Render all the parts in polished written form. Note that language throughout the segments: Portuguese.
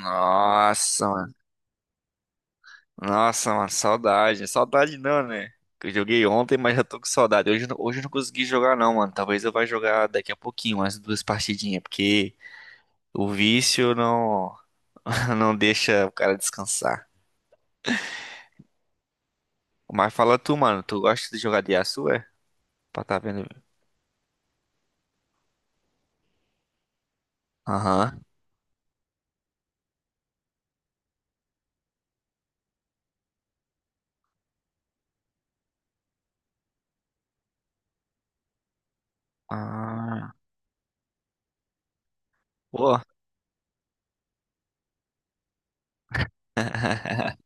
Nossa, mano. Nossa, mano, saudade. Saudade não, né? Que eu joguei ontem, mas já tô com saudade. Hoje eu não consegui jogar, não, mano. Talvez eu vá jogar daqui a pouquinho, umas duas partidinhas, porque o vício não, não deixa o cara descansar. Mas fala tu, mano, tu gosta de jogar de aço, é? Pra tá vendo. Aham. Ah. Pô.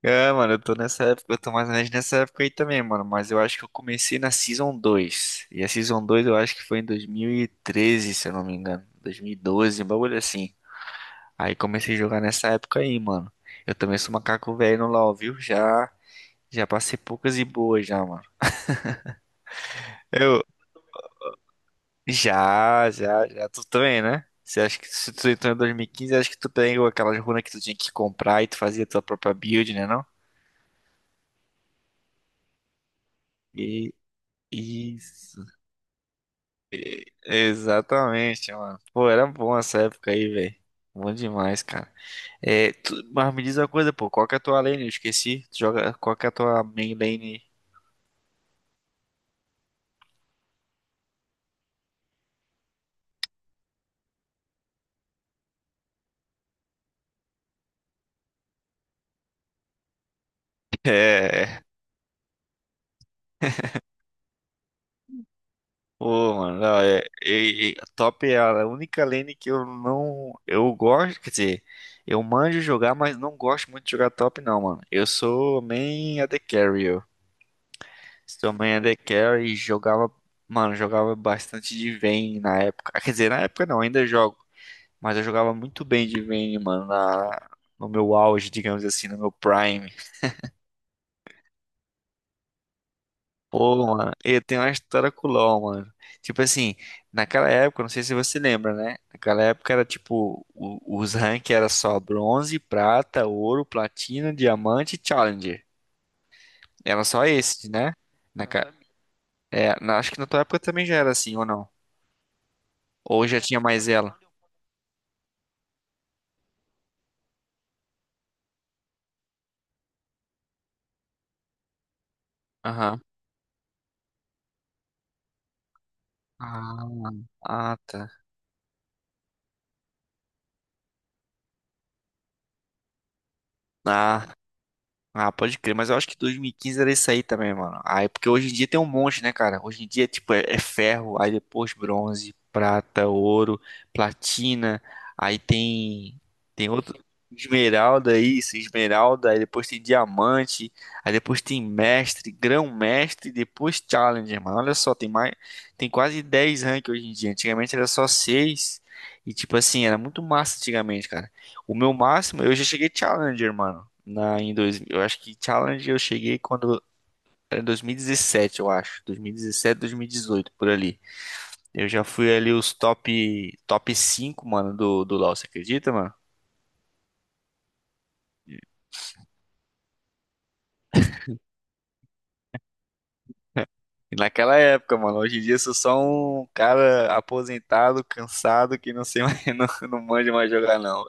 É, mano, eu tô nessa época, eu tô mais ou menos nessa época aí também, mano. Mas eu acho que eu comecei na Season 2. E a Season 2, eu acho que foi em 2013, se eu não me engano. 2012, um bagulho assim. Aí comecei a jogar nessa época aí, mano. Eu também sou macaco velho no LoL, viu? Já passei poucas e boas já, mano. Eu, já, já, já. Tu também, né? Você acha que se tu entrou em 2015, acho que tu pegou aquelas runas que tu tinha que comprar e tu fazia tua própria build, né, não? E isso. Exatamente, mano. Pô, era bom essa época aí, velho. Bom demais, cara. É, mas me diz uma coisa, pô, qual que é a tua lane? Eu esqueci. Tu joga, qual que é a tua main lane? É. Pô, mano, não, top é a única lane que eu não. Eu gosto, quer dizer, eu manjo jogar, mas não gosto muito de jogar top, não, mano. Eu sou main AD Carry. Eu. Sou main AD Carry e jogava. Mano, jogava bastante de Vayne na época. Ah, quer dizer, na época não, ainda jogo. Mas eu jogava muito bem de Vayne, mano, no meu auge, digamos assim, no meu prime. Pô, mano, eu tenho uma história com o LoL, mano. Tipo assim, naquela época, não sei se você lembra, né? Naquela época era tipo, os ranks era só bronze, prata, ouro, platina, diamante e challenger. Era só esses, né? Na, ca- é, na- acho que na tua época também já era assim, ou não? Ou já tinha mais ela? Aham. Ah, ah, tá. Ah, ah, pode crer, mas eu acho que 2015 era isso aí também, mano. Aí, porque hoje em dia tem um monte, né, cara? Hoje em dia, tipo, é ferro, aí depois bronze, prata, ouro, platina, aí tem outro esmeralda isso, esmeralda, aí depois tem diamante, aí depois tem mestre, grão-mestre, depois challenger, mano. Olha só, tem mais, tem quase 10 rank hoje em dia. Antigamente era só 6 e tipo assim, era muito massa antigamente, cara. O meu máximo, eu já cheguei challenger, mano. Eu acho que Challenge eu cheguei quando era em 2017, eu acho. 2017, 2018, por ali. Eu já fui ali os top 5 mano, do LoL, você acredita, mano? E naquela época, mano, hoje em dia eu sou só um cara aposentado, cansado, que não sei mais, não manja mais jogar, não.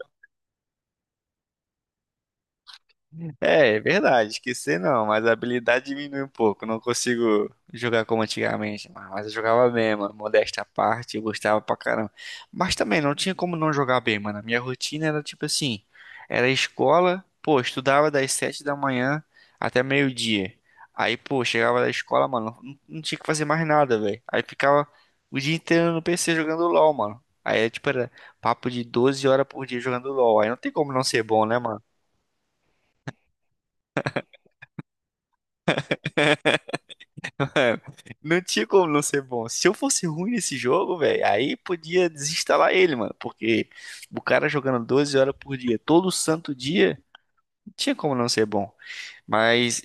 É verdade, esquecer não, mas a habilidade diminui um pouco. Não consigo jogar como antigamente, mas eu jogava bem, mano. Modéstia à parte, eu gostava pra caramba. Mas também não tinha como não jogar bem, mano. A minha rotina era tipo assim: era escola, pô, estudava das 7 da manhã até meio-dia. Aí, pô, chegava da escola, mano, não tinha que fazer mais nada, velho. Aí ficava o dia inteiro no PC jogando LOL, mano. Aí, tipo, era papo de 12 horas por dia jogando LOL. Aí não tem como não ser bom, né, mano? Não tinha como não ser bom. Se eu fosse ruim nesse jogo, velho, aí podia desinstalar ele, mano. Porque o cara jogando 12 horas por dia, todo santo dia, não tinha como não ser bom. Mas,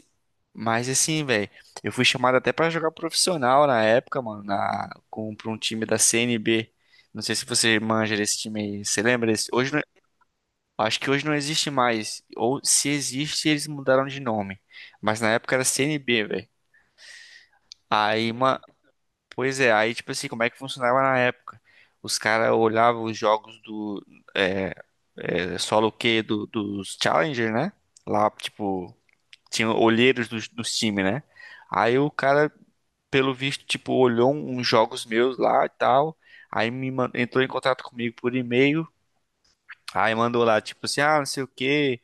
mas assim, velho, eu fui chamado até pra jogar profissional na época, mano, pra um time da CNB. Não sei se você manja desse time aí. Você lembra desse? Hoje não- acho que hoje não existe mais. Ou se existe, eles mudaram de nome. Mas na época era CNB velho. Aí, mano. Pois é, aí tipo assim, como é que funcionava na época? Os caras olhavam os jogos do é, solo Q dos Challenger, né? Lá, tipo, tinha olheiros dos times, né? Aí o cara, pelo visto, tipo, olhou uns jogos meus lá e tal. Aí entrou em contato comigo por e-mail. Aí mandou lá, tipo assim, não sei o quê.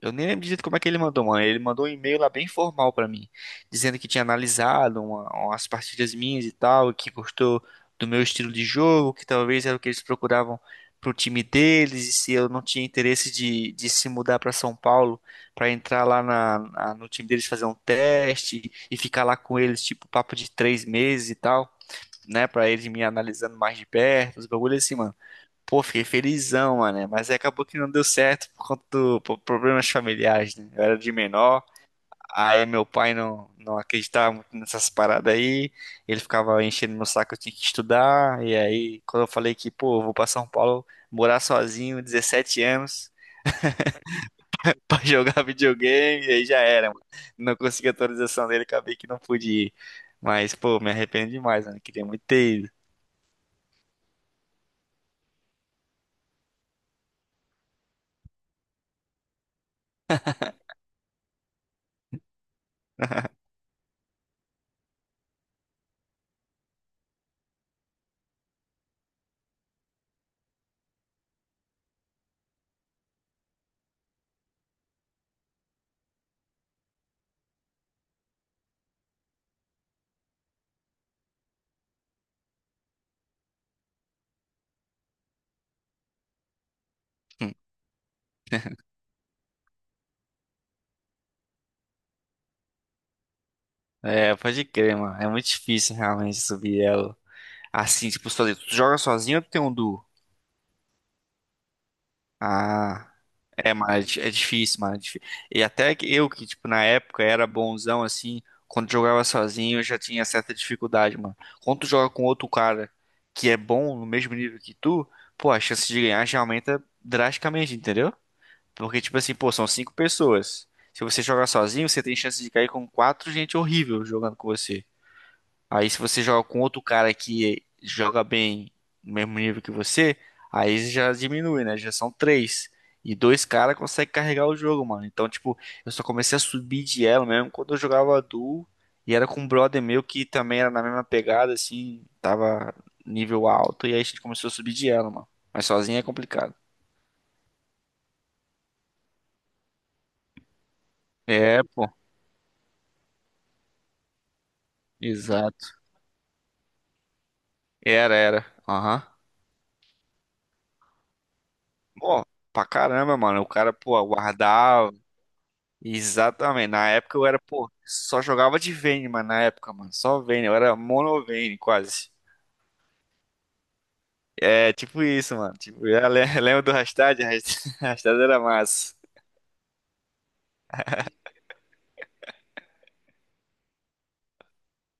Eu nem lembro direito como é que ele mandou, mano. Ele mandou um e-mail lá bem formal pra mim, dizendo que tinha analisado umas partidas minhas e tal, que gostou do meu estilo de jogo, que talvez era o que eles procuravam pro time deles, e se eu não tinha interesse de se mudar pra São Paulo pra entrar lá no time deles fazer um teste e ficar lá com eles, tipo, papo de 3 meses e tal, né, pra eles me analisando mais de perto, os bagulhos assim, mano. Pô, fiquei felizão, mano, né? Mas aí acabou que não deu certo por conta do por problemas familiares, né? Eu era de menor, aí meu pai não acreditava muito nessas paradas aí. Ele ficava enchendo meu saco, eu tinha que estudar. E aí, quando eu falei que, pô, eu vou pra São Paulo morar sozinho, 17 anos, pra jogar videogame, e aí já era, mano. Não consegui a atualização dele, acabei que não pude ir. Mas, pô, me arrependo demais, mano. Queria muito ter ido. É, pode crer, mano. É muito difícil realmente subir ela. Assim, tipo, sozinho. Tu joga sozinho ou tu tem um duo? Ah, é, mas é difícil, mano. E até que eu, que, tipo, na época era bonzão, assim, quando jogava sozinho eu já tinha certa dificuldade, mano. Quando tu joga com outro cara que é bom no mesmo nível que tu, pô, a chance de ganhar já aumenta drasticamente, entendeu? Porque, tipo assim, pô, são cinco pessoas. Se você jogar sozinho, você tem chance de cair com quatro gente horrível jogando com você. Aí se você joga com outro cara que joga bem no mesmo nível que você, aí já diminui, né? Já são três. E dois caras conseguem carregar o jogo, mano. Então, tipo, eu só comecei a subir de elo mesmo quando eu jogava duo. E era com um brother meu que também era na mesma pegada, assim, tava nível alto. E aí a gente começou a subir de elo, mano. Mas sozinho é complicado. É, pô. Exato. Era, era. Aham. Pô, pra caramba, mano. O cara, pô, aguardava. Exatamente. Na época eu era, pô, só jogava de Vayne, mano, na época, mano. Só Vayne, eu era mono Vayne, quase. É, tipo isso, mano. Tipo, lembro do hashtag? Hashtag hashtag era massa.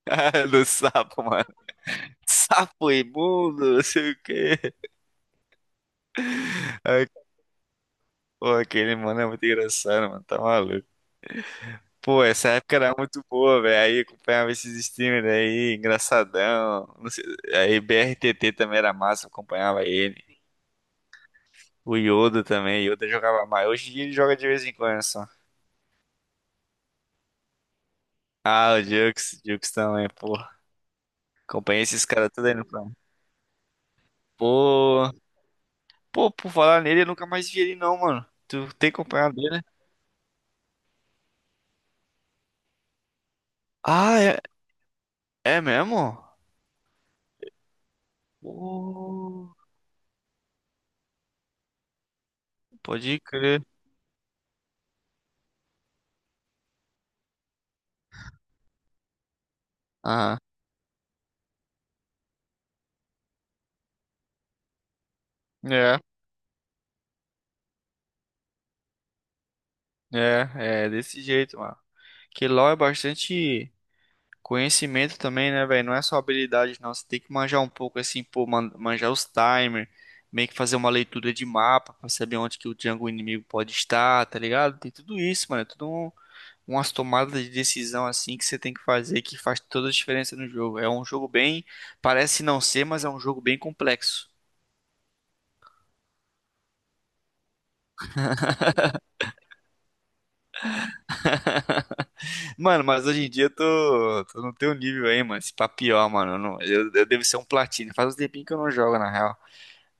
Do sapo, mano. Sapo imundo, não sei o quê. Ai, pô, aquele, mano, é muito engraçado, mano. Tá maluco. Pô, essa época era muito boa, velho. Aí acompanhava esses streamers aí, engraçadão. Não sei, aí BRTT também era massa, eu acompanhava ele. O Yoda também, Yoda jogava mais. Hoje em dia ele joga de vez em quando só. Ah, o Jux, Jux também, pô. Acompanhei esses caras tudo aí no plano. Pô, pô, por falar nele, eu nunca mais vi ele não, mano. Tu tem acompanhado ele, né? Ah, é, é mesmo? Pô, pode crer. Ah, é, é, é desse jeito, mano. Que LoL é bastante. Conhecimento também, né, velho? Não é só habilidade, não. Você tem que manjar um pouco, assim, pô, manjar os timer, meio que fazer uma leitura de mapa pra saber onde que o jungle inimigo pode estar, tá ligado? Tem tudo isso, mano. É tudo umas tomadas de decisão, assim, que você tem que fazer, que faz toda a diferença no jogo. É um jogo bem. Parece não ser, mas é um jogo bem complexo. Mano, mas hoje em dia eu tô no teu nível aí, mano. Esse papião, mano. Eu, não- eu devo ser um platina? Faz um tempinho que eu não jogo, na real.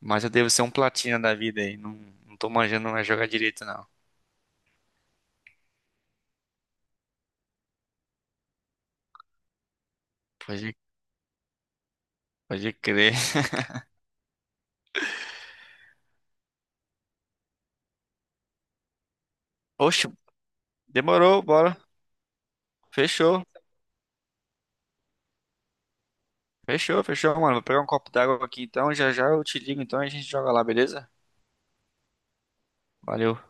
Mas eu devo ser um platina da vida aí. Não, não tô manjando mais jogar direito, não. Pode, pode crer. Oxe, demorou, bora. Fechou. Fechou, fechou, mano. Vou pegar um copo d'água aqui então. Já já eu te ligo então e a gente joga lá, beleza? Valeu.